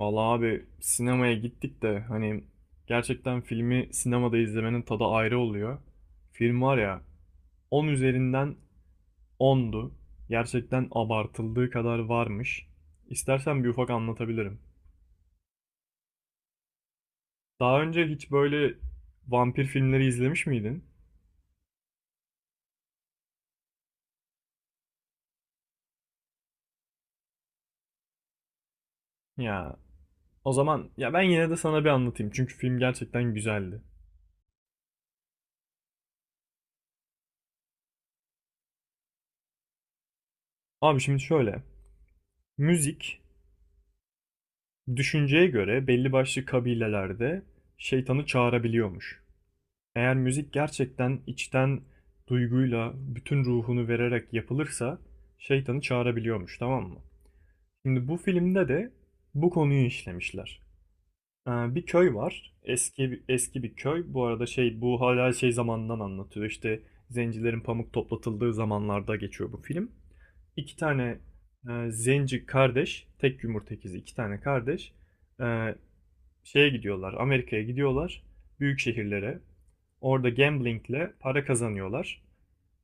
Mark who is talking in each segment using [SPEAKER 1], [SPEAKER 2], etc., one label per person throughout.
[SPEAKER 1] Vallahi abi sinemaya gittik de hani gerçekten filmi sinemada izlemenin tadı ayrı oluyor. Film var ya 10 üzerinden 10'du. Gerçekten abartıldığı kadar varmış. İstersen bir ufak anlatabilirim. Daha önce hiç böyle vampir filmleri izlemiş miydin? Ya o zaman ya ben yine de sana bir anlatayım çünkü film gerçekten güzeldi. Abi şimdi şöyle. Müzik düşünceye göre belli başlı kabilelerde şeytanı çağırabiliyormuş. Eğer müzik gerçekten içten duyguyla bütün ruhunu vererek yapılırsa şeytanı çağırabiliyormuş, tamam mı? Şimdi bu filmde de bu konuyu işlemişler. Bir köy var. Eski eski bir köy. Bu arada şey bu hala şey zamanından anlatıyor. İşte zencilerin pamuk toplatıldığı zamanlarda geçiyor bu film. İki tane zenci kardeş, tek yumurta ikizi iki tane kardeş e, şeye gidiyorlar, Amerika'ya gidiyorlar, büyük şehirlere. Orada gamblingle para kazanıyorlar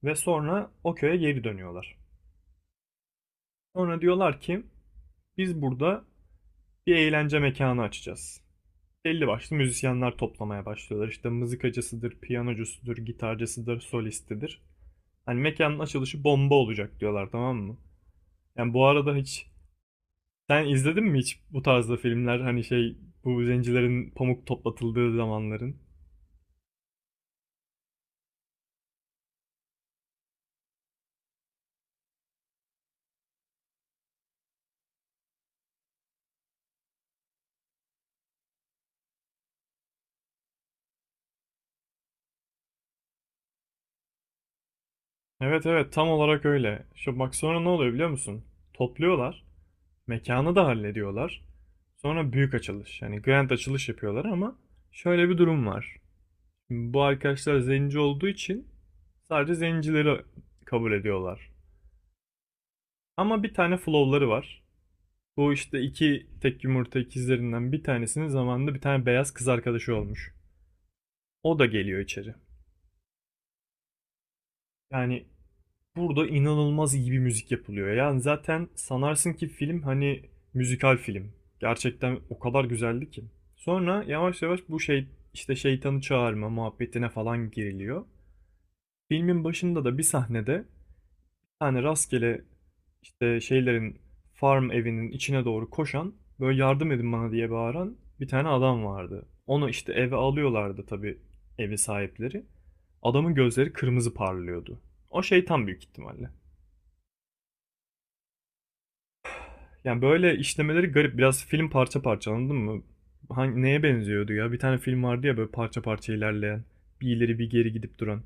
[SPEAKER 1] ve sonra o köye geri dönüyorlar. Sonra diyorlar ki biz burada bir eğlence mekanı açacağız. Belli başlı müzisyenler toplamaya başlıyorlar. İşte mızıkacısıdır, piyanocusudur, gitarcısıdır, solistidir. Hani mekanın açılışı bomba olacak diyorlar, tamam mı? Yani bu arada hiç sen izledin mi hiç bu tarzda filmler, hani şey, bu zencilerin pamuk toplatıldığı zamanların? Evet evet, tam olarak öyle. Şu bak sonra ne oluyor biliyor musun? Topluyorlar. Mekanı da hallediyorlar. Sonra büyük açılış. Yani grand açılış yapıyorlar ama şöyle bir durum var. Şimdi bu arkadaşlar zenci olduğu için sadece zencileri kabul ediyorlar. Ama bir tane flowları var. Bu işte iki tek yumurta ikizlerinden bir tanesinin zamanında bir tane beyaz kız arkadaşı olmuş. O da geliyor içeri. Yani burada inanılmaz iyi bir müzik yapılıyor. Yani zaten sanarsın ki film hani müzikal film. Gerçekten o kadar güzeldi ki. Sonra yavaş yavaş bu şey işte şeytanı çağırma muhabbetine falan giriliyor. Filmin başında da bir sahnede hani rastgele işte şeylerin farm evinin içine doğru koşan böyle yardım edin bana diye bağıran bir tane adam vardı. Onu işte eve alıyorlardı tabii evi sahipleri. Adamın gözleri kırmızı parlıyordu. O şeytan büyük ihtimalle. Yani böyle işlemeleri garip. Biraz film parça parça, anladın mı? Hangi, neye benziyordu ya? Bir tane film vardı ya böyle parça parça ilerleyen. Bir ileri bir geri gidip duran.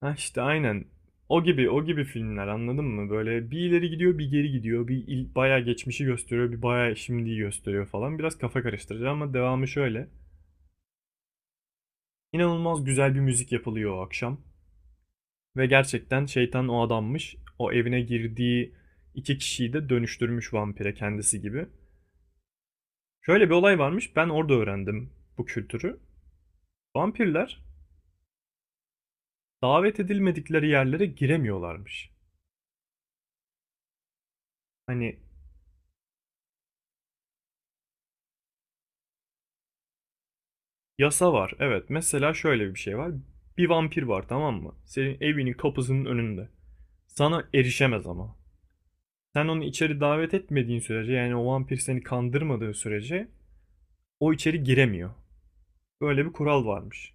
[SPEAKER 1] Ha işte aynen. O gibi o gibi filmler, anladın mı? Böyle bir ileri gidiyor bir geri gidiyor. Bayağı geçmişi gösteriyor bir bayağı şimdiyi gösteriyor falan. Biraz kafa karıştırıcı ama devamı şöyle. İnanılmaz güzel bir müzik yapılıyor o akşam. Ve gerçekten şeytan o adammış. O evine girdiği iki kişiyi de dönüştürmüş vampire kendisi gibi. Şöyle bir olay varmış. Ben orada öğrendim bu kültürü. Vampirler davet edilmedikleri yerlere giremiyorlarmış. Hani yasa var. Evet. Mesela şöyle bir şey var. Bir vampir var, tamam mı? Senin evinin kapısının önünde. Sana erişemez ama. Sen onu içeri davet etmediğin sürece, yani o vampir seni kandırmadığı sürece o içeri giremiyor. Böyle bir kural varmış.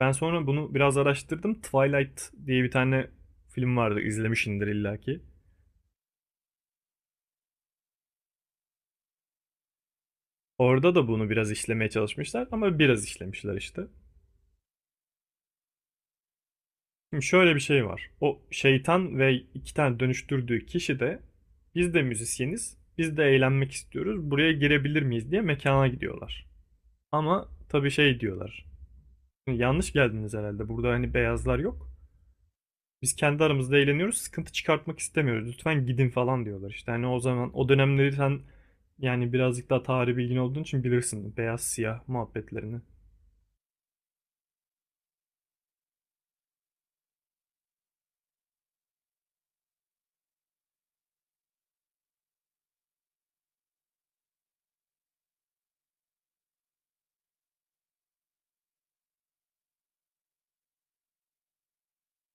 [SPEAKER 1] Ben sonra bunu biraz araştırdım. Twilight diye bir tane film vardı, izlemişsindir illaki. Orada da bunu biraz işlemeye çalışmışlar ama biraz işlemişler işte. Şimdi şöyle bir şey var. O şeytan ve iki tane dönüştürdüğü kişi de biz de müzisyeniz, biz de eğlenmek istiyoruz. Buraya girebilir miyiz diye mekana gidiyorlar. Ama tabii şey diyorlar. Yanlış geldiniz herhalde. Burada hani beyazlar yok. Biz kendi aramızda eğleniyoruz. Sıkıntı çıkartmak istemiyoruz. Lütfen gidin falan diyorlar. İşte hani o zaman o dönemleri sen yani birazcık daha tarih bilgin olduğun için bilirsin. Beyaz siyah muhabbetlerini.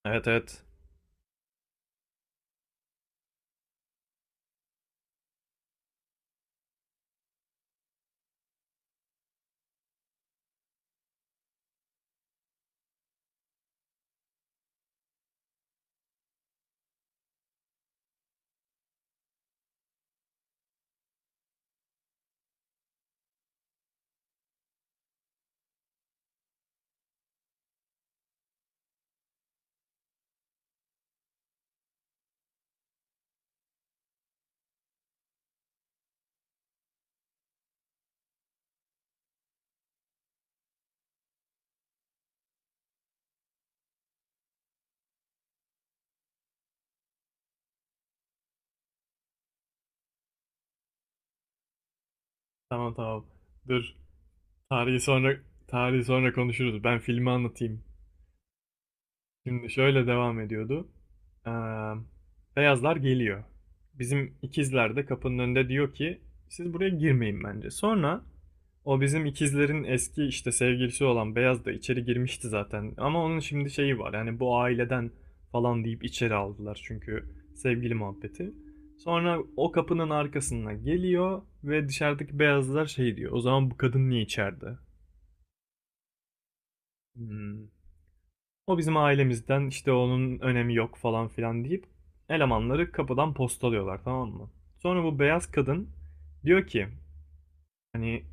[SPEAKER 1] Evet evet. Tamam tamam. Dur. Tarihi sonra tarihi sonra konuşuruz. Ben filmi anlatayım. Şimdi şöyle devam ediyordu. Ee, beyazlar geliyor. Bizim ikizler de kapının önünde diyor ki siz buraya girmeyin bence. Sonra o bizim ikizlerin eski işte sevgilisi olan beyaz da içeri girmişti zaten. Ama onun şimdi şeyi var, yani bu aileden falan deyip içeri aldılar çünkü sevgili muhabbeti. Sonra o kapının arkasına geliyor ve dışarıdaki beyazlar şey diyor. O zaman bu kadın niye içeride? Hmm. O bizim ailemizden, işte onun önemi yok falan filan deyip elemanları kapıdan postalıyorlar, tamam mı? Sonra bu beyaz kadın diyor ki hani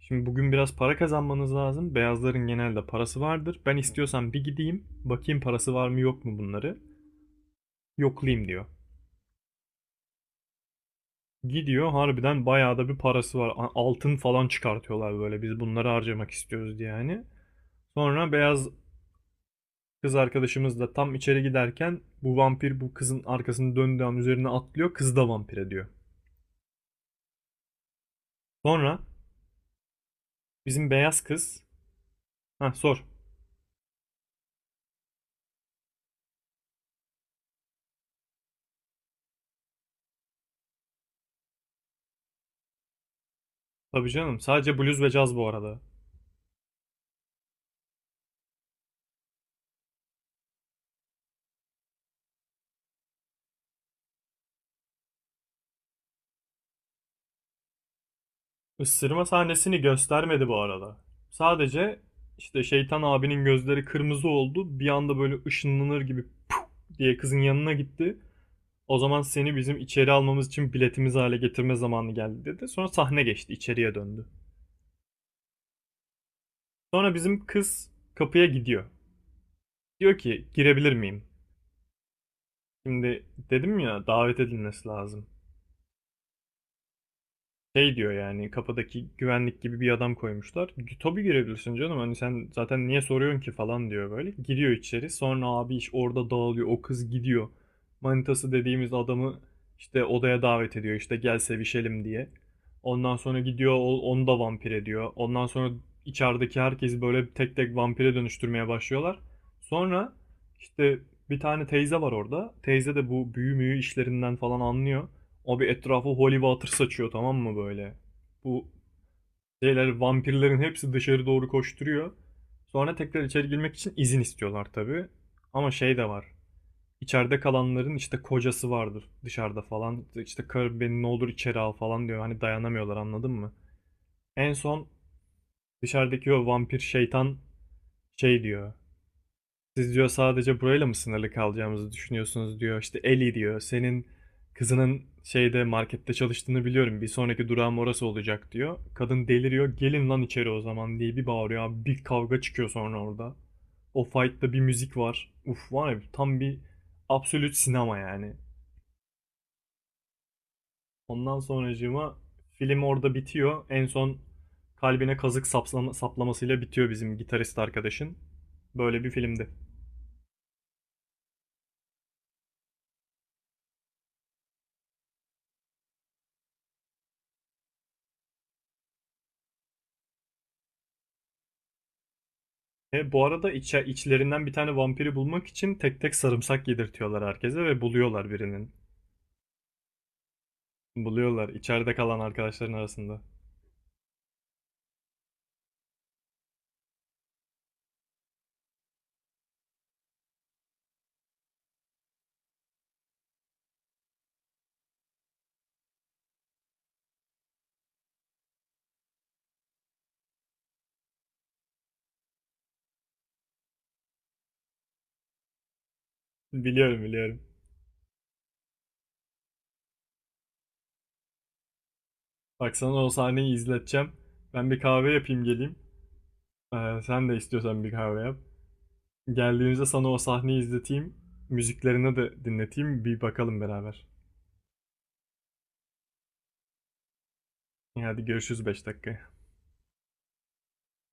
[SPEAKER 1] şimdi bugün biraz para kazanmanız lazım. Beyazların genelde parası vardır. Ben istiyorsan bir gideyim bakayım parası var mı yok mu bunları. Yoklayayım diyor. Gidiyor, harbiden bayağı da bir parası var. Altın falan çıkartıyorlar böyle biz bunları harcamak istiyoruz diye hani. Sonra beyaz kız arkadaşımız da tam içeri giderken bu vampir bu kızın arkasını döndüğü an üzerine atlıyor. Kız da vampire diyor. Sonra bizim beyaz kız... Heh sor. Tabii canım sadece bluz ve caz bu arada. Isırma sahnesini göstermedi bu arada. Sadece işte şeytan abinin gözleri kırmızı oldu. Bir anda böyle ışınlanır gibi diye kızın yanına gitti. O zaman seni bizim içeri almamız için biletimiz hale getirme zamanı geldi dedi. Sonra sahne geçti, içeriye döndü. Sonra bizim kız kapıya gidiyor. Diyor ki girebilir miyim? Şimdi dedim ya davet edilmesi lazım. Şey diyor, yani kapıdaki güvenlik gibi bir adam koymuşlar. Tabii girebilirsin canım, hani sen zaten niye soruyorsun ki falan diyor böyle. Giriyor içeri, sonra abi iş orada dağılıyor, o kız gidiyor. Manitası dediğimiz adamı işte odaya davet ediyor, işte gel sevişelim diye. Ondan sonra gidiyor onu da vampir ediyor. Ondan sonra içerideki herkesi böyle tek tek vampire dönüştürmeye başlıyorlar. Sonra işte bir tane teyze var orada. Teyze de bu büyü müyü işlerinden falan anlıyor. Abi etrafı holy water saçıyor, tamam mı böyle? Bu şeyler vampirlerin hepsi dışarı doğru koşturuyor. Sonra tekrar içeri girmek için izin istiyorlar tabii. Ama şey de var. İçeride kalanların işte kocası vardır dışarıda falan. İşte karı beni ne olur içeri al falan diyor. Hani dayanamıyorlar, anladın mı? En son dışarıdaki o vampir şeytan şey diyor. Siz diyor sadece burayla mı sınırlı kalacağımızı düşünüyorsunuz diyor. İşte Ellie diyor. Senin kızının şeyde markette çalıştığını biliyorum. Bir sonraki durağım orası olacak diyor. Kadın deliriyor. Gelin lan içeri o zaman diye bir bağırıyor. Abi bir kavga çıkıyor sonra orada. O fight'ta bir müzik var. Uf var ya tam bir absolut sinema yani. Ondan sonracığıma film orada bitiyor. En son kalbine kazık saplamasıyla bitiyor bizim gitarist arkadaşın. Böyle bir filmdi. E, bu arada içlerinden bir tane vampiri bulmak için tek tek sarımsak yedirtiyorlar herkese ve buluyorlar birinin. Buluyorlar içeride kalan arkadaşların arasında. Biliyorum biliyorum. Bak sana o sahneyi izleteceğim. Ben bir kahve yapayım geleyim. Sen de istiyorsan bir kahve yap. Geldiğimizde sana o sahneyi izleteyim. Müziklerini de dinleteyim. Bir bakalım beraber. Hadi görüşürüz 5 dakika.